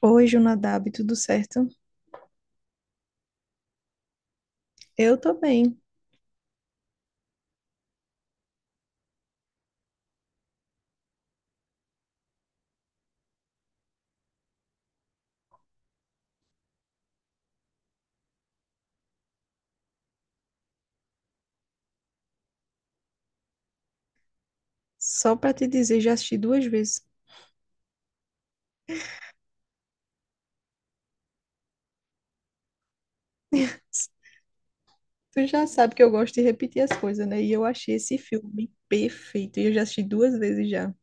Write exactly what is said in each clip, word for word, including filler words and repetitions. Oi, Jonadab, tudo certo? Eu tô bem. Só pra te dizer, já assisti duas vezes. Tu já sabe que eu gosto de repetir as coisas, né? E eu achei esse filme perfeito. E eu já assisti duas vezes já.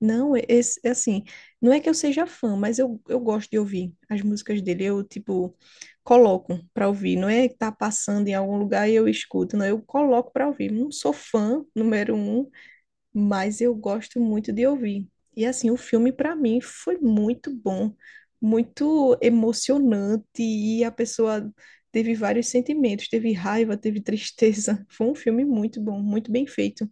Não, é- esse, é assim, não é que eu seja fã, mas eu, eu gosto de ouvir as músicas dele. Eu, tipo, coloco pra ouvir. Não é que tá passando em algum lugar e eu escuto, não. Eu coloco pra ouvir. Não sou fã, número um. Mas eu gosto muito de ouvir. E assim, o filme para mim foi muito bom, muito emocionante e a pessoa teve vários sentimentos, teve raiva, teve tristeza. Foi um filme muito bom, muito bem feito.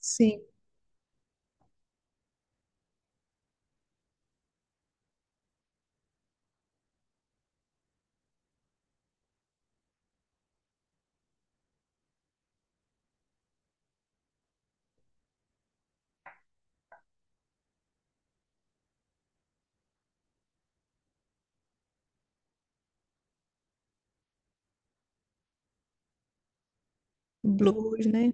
Sim. Blues, né?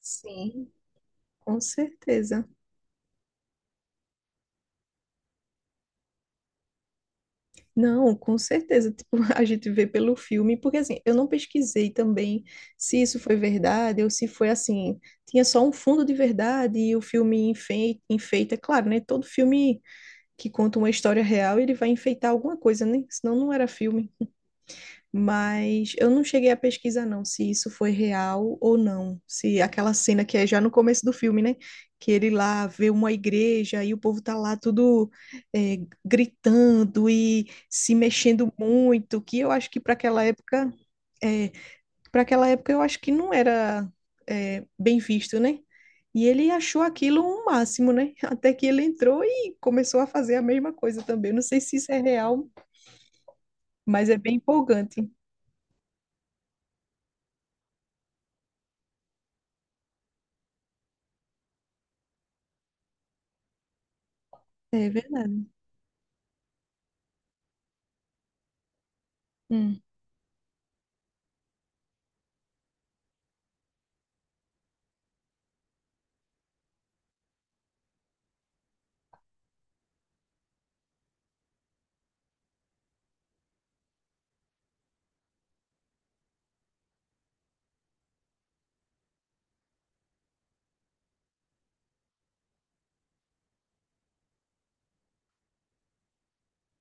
Sim. Com certeza. Não, com certeza. Tipo, a gente vê pelo filme, porque assim, eu não pesquisei também se isso foi verdade ou se foi assim, tinha só um fundo de verdade e o filme enfei- enfeita, claro, né? Todo filme que conta uma história real, ele vai enfeitar alguma coisa, né? Senão não era filme. Mas eu não cheguei a pesquisar, não, se isso foi real ou não. Se aquela cena que é já no começo do filme, né? Que ele lá vê uma igreja e o povo tá lá tudo é, gritando e se mexendo muito, que eu acho que para aquela época, é, para aquela época eu acho que não era é, bem visto, né? E ele achou aquilo um máximo, né? Até que ele entrou e começou a fazer a mesma coisa também. Eu não sei se isso é real, mas é bem empolgante. É verdade. Hum.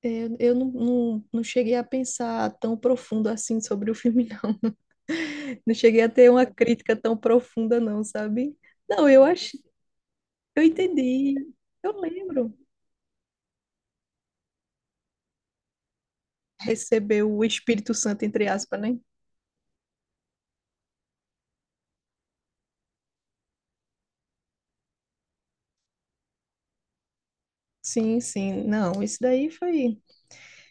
É, eu não, não, não cheguei a pensar tão profundo assim sobre o filme, não. Não cheguei a ter uma crítica tão profunda, não, sabe? Não, eu acho, eu entendi. Eu lembro. Recebeu o Espírito Santo, entre aspas, né? Sim, sim. Não, isso daí foi.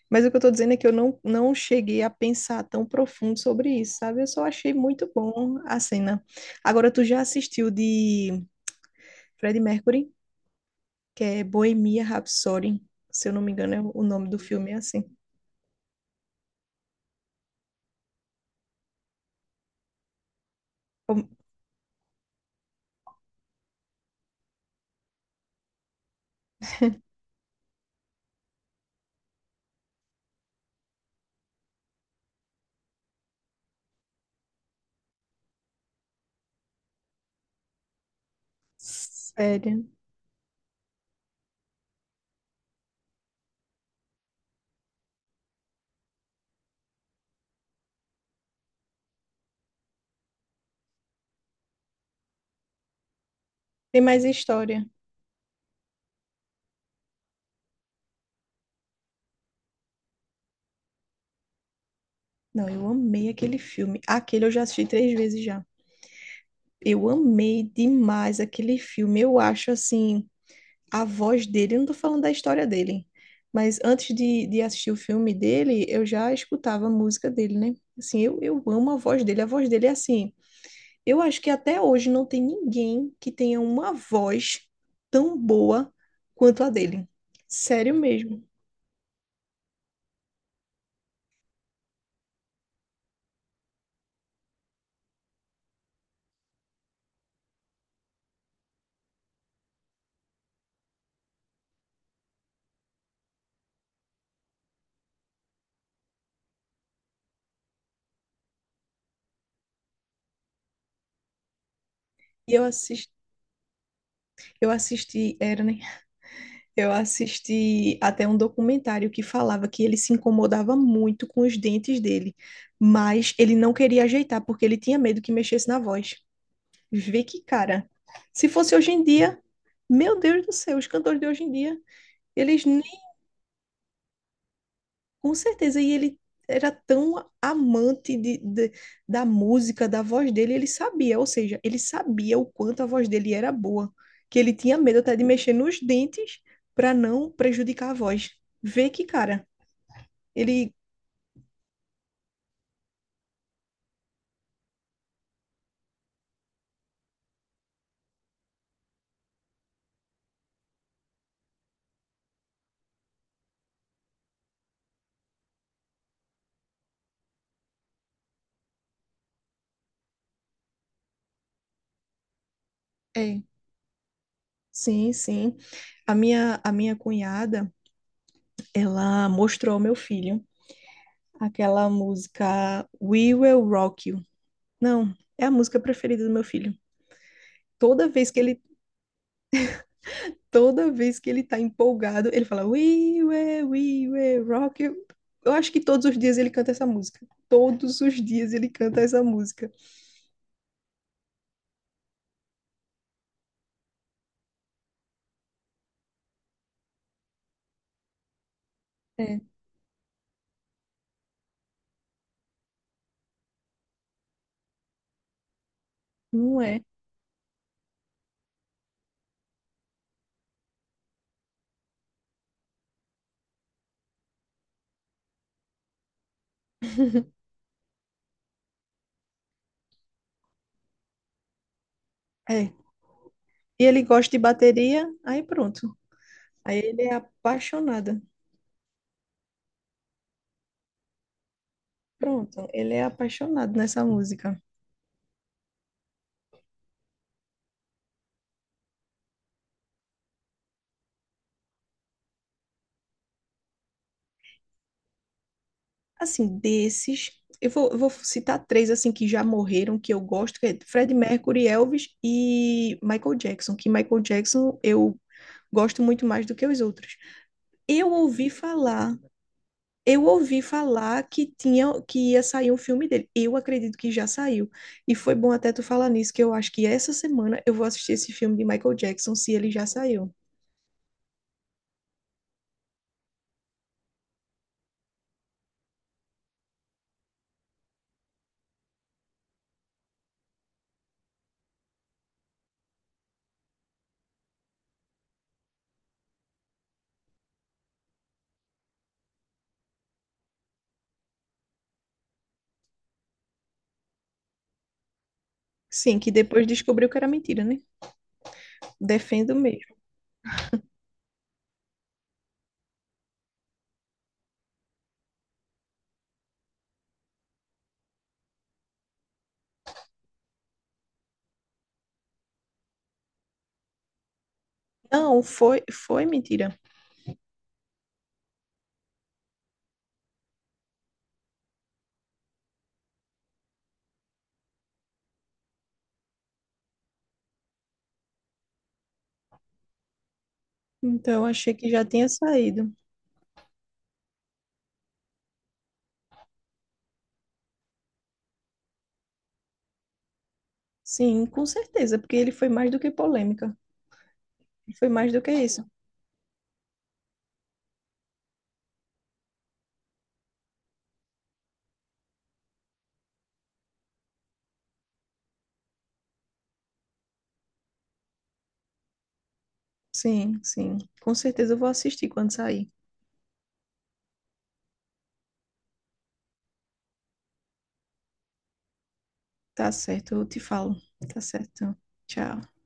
Mas o que eu tô dizendo é que eu não, não cheguei a pensar tão profundo sobre isso, sabe? Eu só achei muito bom a cena. Agora, tu já assistiu de Freddie Mercury? Que é Bohemia Rhapsody. Se eu não me engano, é o nome do filme é assim. Como- Sério. Tem mais história. Não, eu amei aquele filme. Aquele eu já assisti três vezes já. Eu amei demais aquele filme. Eu acho assim, a voz dele, eu não tô falando da história dele, mas antes de, de assistir o filme dele, eu já escutava a música dele, né? Assim, eu, eu amo a voz dele. A voz dele é assim, eu acho que até hoje não tem ninguém que tenha uma voz tão boa quanto a dele. Sério mesmo. E eu assisti, eu assisti, era, né? Eu assisti até um documentário que falava que ele se incomodava muito com os dentes dele, mas ele não queria ajeitar porque ele tinha medo que mexesse na voz. Vê que cara. Se fosse hoje em dia, meu Deus do céu, os cantores de hoje em dia, eles. Com certeza, e ele era tão amante de, de- da música, da voz dele, ele sabia, ou seja, ele sabia o quanto a voz dele era boa, que ele tinha medo até de mexer nos dentes para não prejudicar a voz. Vê que, cara, ele. É, sim, sim. A minha, a minha cunhada, ela mostrou ao meu filho aquela música We Will Rock You. Não, é a música preferida do meu filho. Toda vez que ele toda vez que ele tá empolgado, ele fala "We were, we were rock. You." Eu acho que todos os dias ele canta essa música. Todos os dias ele canta essa música. É, não é. É. E ele gosta de bateria, aí pronto. Aí ele é apaixonado. Pronto, ele é apaixonado nessa música. Assim, desses, eu vou, eu vou citar três assim que já morreram, que eu gosto, que é Freddie Mercury, Elvis e Michael Jackson. Que Michael Jackson eu gosto muito mais do que os outros. Eu ouvi falar, eu ouvi falar que tinha, que ia sair um filme dele. Eu acredito que já saiu. E foi bom até tu falar nisso, que eu acho que essa semana eu vou assistir esse filme de Michael Jackson, se ele já saiu. Sim, que depois descobriu que era mentira, né? Defendo mesmo. Não, foi, foi mentira. Então, eu achei que já tinha saído. Sim, com certeza, porque ele foi mais do que polêmica. Foi mais do que isso. Sim, sim. Com certeza eu vou assistir quando sair. Tá certo, eu te falo. Tá certo. Tchau.